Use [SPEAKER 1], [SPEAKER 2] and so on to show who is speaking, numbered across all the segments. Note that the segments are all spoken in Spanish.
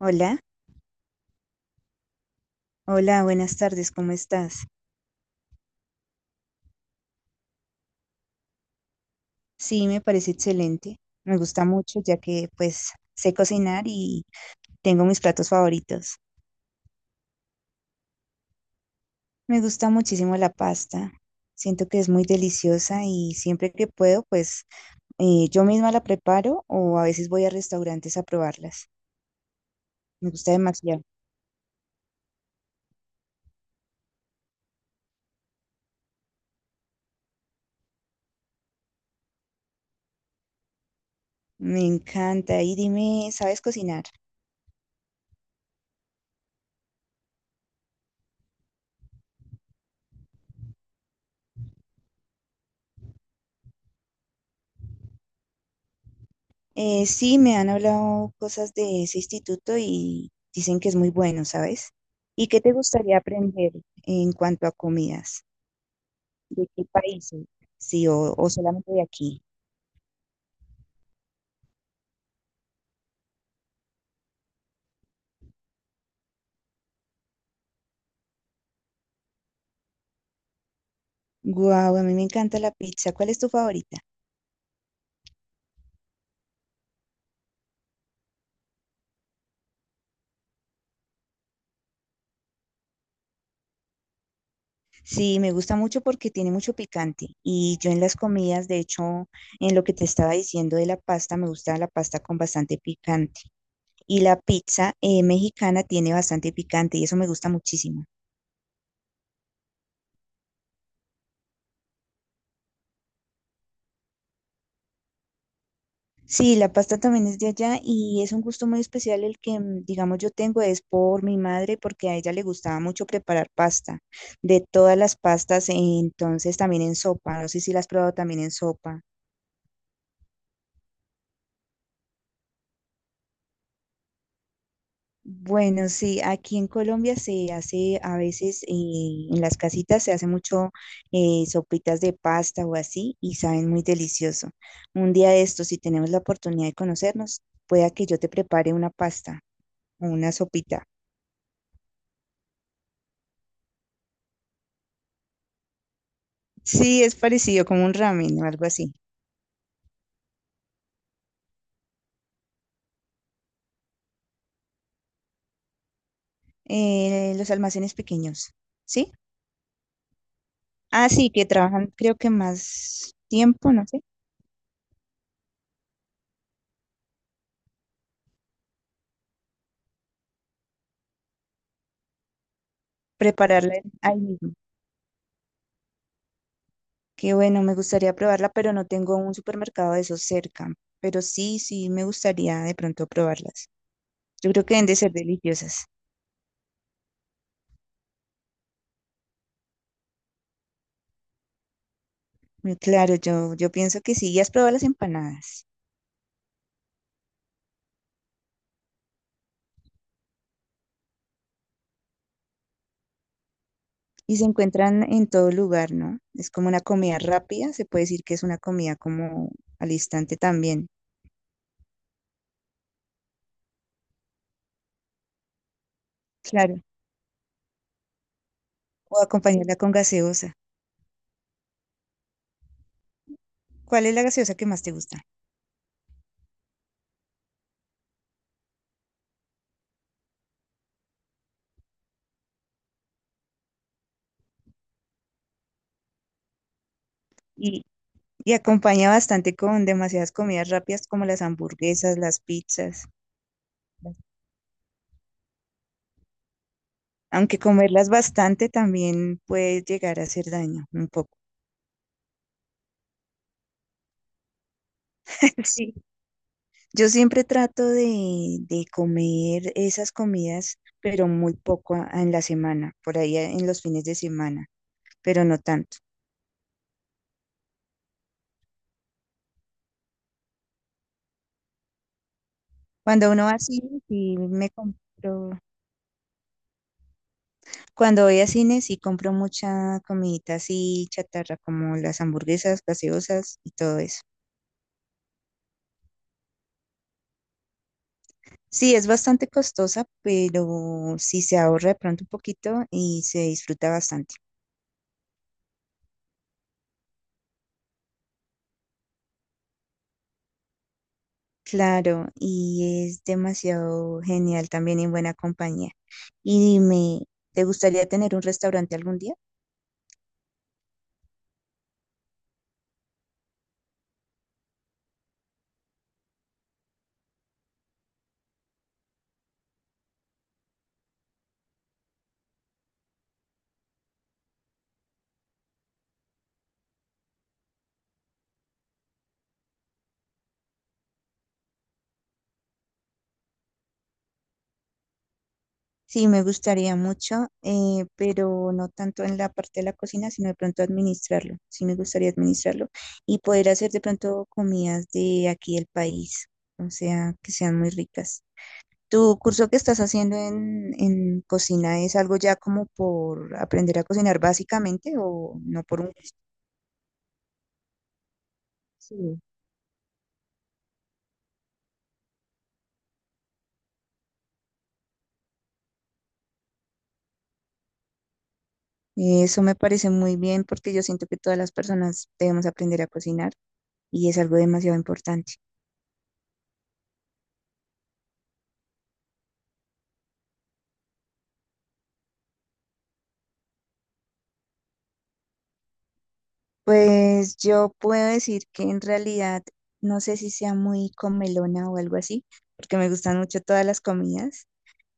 [SPEAKER 1] Hola, hola, buenas tardes, ¿cómo estás? Sí, me parece excelente. Me gusta mucho ya que pues sé cocinar y tengo mis platos favoritos. Me gusta muchísimo la pasta. Siento que es muy deliciosa y siempre que puedo pues yo misma la preparo o a veces voy a restaurantes a probarlas. Me gusta demasiado. Me encanta. Y dime, ¿sabes cocinar? Sí, me han hablado cosas de ese instituto y dicen que es muy bueno, ¿sabes? ¿Y qué te gustaría aprender en cuanto a comidas? ¿De qué países? Sí, o solamente de aquí. Guau, a mí me encanta la pizza. ¿Cuál es tu favorita? Sí, me gusta mucho porque tiene mucho picante. Y yo en las comidas, de hecho, en lo que te estaba diciendo de la pasta, me gusta la pasta con bastante picante. Y la pizza mexicana tiene bastante picante y eso me gusta muchísimo. Sí, la pasta también es de allá y es un gusto muy especial el que, mm, digamos, yo tengo es por mi madre porque a ella le gustaba mucho preparar pasta, de todas las pastas, entonces también en sopa, no sé si la has probado también en sopa. Bueno, sí, aquí en Colombia se hace a veces en las casitas se hace mucho sopitas de pasta o así y saben muy delicioso. Un día de estos, si tenemos la oportunidad de conocernos, pueda que yo te prepare una pasta o una sopita. Sí, es parecido como un ramen o algo así. Los almacenes pequeños, ¿sí? Ah, sí, que trabajan creo que más tiempo, no sé, ahí mismo. Qué bueno, me gustaría probarla, pero no tengo un supermercado de esos cerca. Pero sí, sí, me gustaría de pronto probarlas. Yo creo que deben de ser deliciosas. Muy claro, yo pienso que sí. Ya has probado las empanadas. Y se encuentran en todo lugar, ¿no? Es como una comida rápida, se puede decir que es una comida como al instante también. Claro, o acompañarla con gaseosa. ¿Cuál es la gaseosa que más te gusta? Y, y acompaña bastante con demasiadas comidas rápidas como las hamburguesas, las pizzas. Aunque comerlas bastante también puede llegar a hacer daño un poco. Sí. Yo siempre trato de comer esas comidas, pero muy poco en la semana, por ahí en los fines de semana, pero no tanto. Cuando uno va así, sí me compro. Cuando voy a cine sí compro mucha comidita así chatarra, como las hamburguesas, gaseosas y todo eso. Sí, es bastante costosa, pero sí se ahorra de pronto un poquito y se disfruta bastante. Claro, y es demasiado genial también en buena compañía. Y dime, ¿te gustaría tener un restaurante algún día? Sí, me gustaría mucho, pero no tanto en la parte de la cocina, sino de pronto administrarlo. Sí, me gustaría administrarlo y poder hacer de pronto comidas de aquí del país, o sea, que sean muy ricas. ¿Tu curso que estás haciendo en cocina es algo ya como por aprender a cocinar básicamente o no por un... Sí. Eso me parece muy bien porque yo siento que todas las personas debemos aprender a cocinar y es algo demasiado importante. Pues yo puedo decir que en realidad no sé si sea muy comelona o algo así, porque me gustan mucho todas las comidas,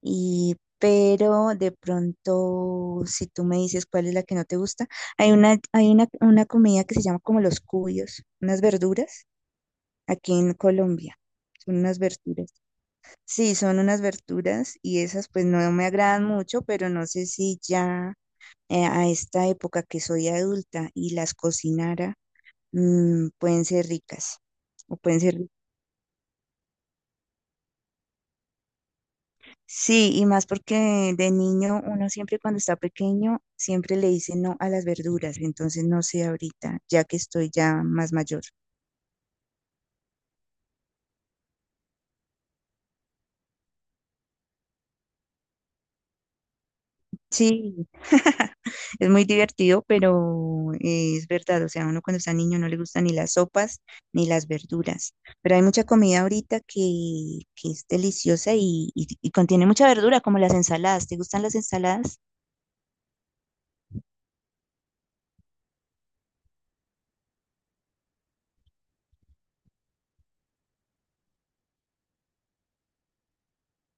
[SPEAKER 1] y pero de pronto si tú me dices cuál es la que no te gusta, hay una comida que se llama como los cubios, unas verduras aquí en Colombia. Son unas verduras. Sí, son unas verduras y esas pues no me agradan mucho, pero no sé si ya a esta época que soy adulta y las cocinara mm, pueden ser ricas o pueden ser ricas. Sí, y más porque de niño uno siempre cuando está pequeño siempre le dice no a las verduras, entonces no sé ahorita, ya que estoy ya más mayor. Sí, es muy divertido, pero es verdad, o sea, uno cuando está niño no le gustan ni las sopas ni las verduras, pero hay mucha comida ahorita que es deliciosa y y contiene mucha verdura, como las ensaladas. ¿Te gustan las ensaladas?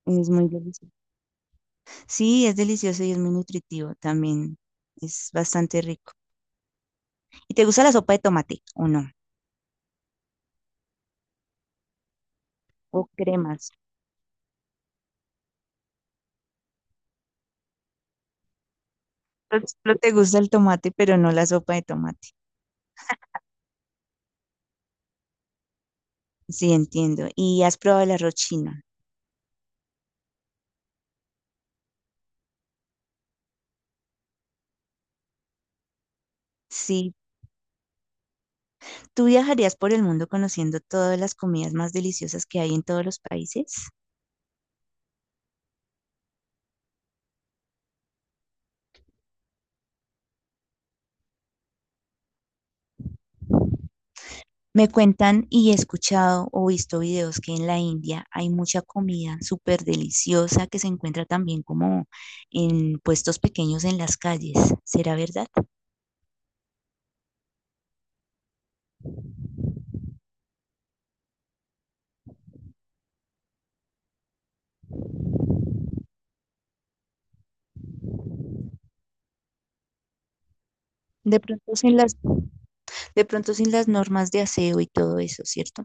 [SPEAKER 1] Es muy delicioso. Sí, es delicioso y es muy nutritivo también. Es bastante rico. ¿Y te gusta la sopa de tomate o no? ¿O cremas? Solo te gusta el tomate, pero no la sopa de tomate. Sí, entiendo. ¿Y has probado el arroz chino? Sí. ¿Tú viajarías por el mundo conociendo todas las comidas más deliciosas que hay en todos los países? Me cuentan y he escuchado o visto videos que en la India hay mucha comida súper deliciosa que se encuentra también como en puestos pequeños en las calles. ¿Será verdad? De pronto sin las, de pronto sin las normas de aseo y todo eso, ¿cierto?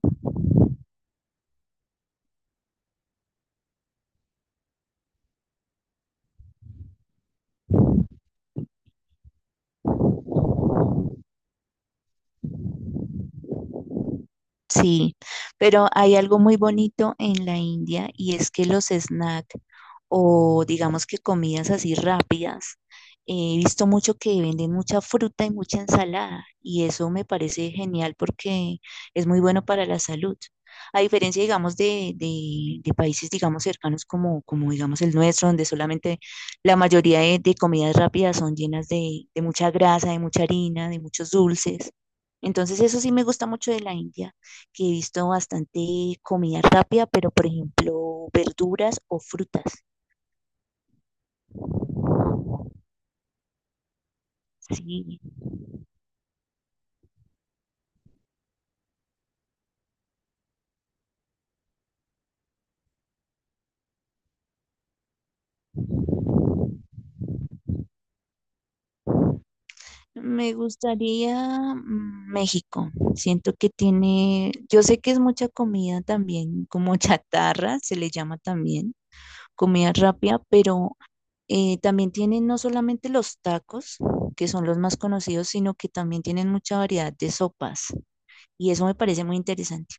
[SPEAKER 1] Sí, pero hay algo muy bonito en la India y es que los snacks o digamos que comidas así rápidas, he visto mucho que venden mucha fruta y mucha ensalada y eso me parece genial porque es muy bueno para la salud. A diferencia, digamos, de países, digamos, cercanos como, como, digamos, el nuestro, donde solamente la mayoría de comidas rápidas son llenas de mucha grasa, de mucha harina, de muchos dulces. Entonces, eso sí me gusta mucho de la India que he visto bastante comida rápida, pero por ejemplo, verduras o frutas. Sí, me gustaría mm, México. Siento que tiene, yo sé que es mucha comida también, como chatarra, se le llama también, comida rápida, pero también tienen no solamente los tacos, que son los más conocidos, sino que también tienen mucha variedad de sopas. Y eso me parece muy interesante.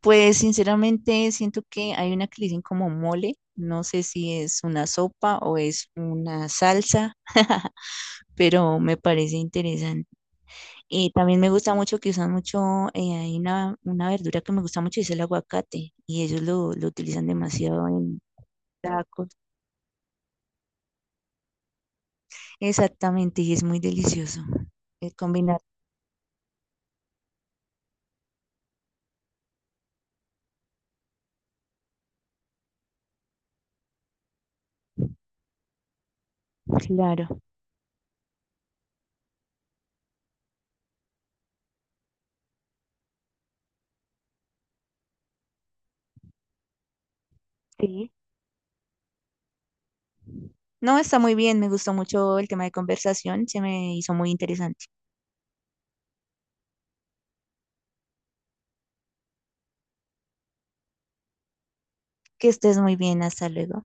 [SPEAKER 1] Pues sinceramente siento que hay una que le dicen como mole, no sé si es una sopa o es una salsa, pero me parece interesante. Y también me gusta mucho que usan mucho, hay una verdura que me gusta mucho, es el aguacate, y ellos lo utilizan demasiado en tacos. Exactamente, y es muy delicioso combinar, claro. Sí. No, está muy bien, me gustó mucho el tema de conversación, se me hizo muy interesante. Que estés muy bien, hasta luego.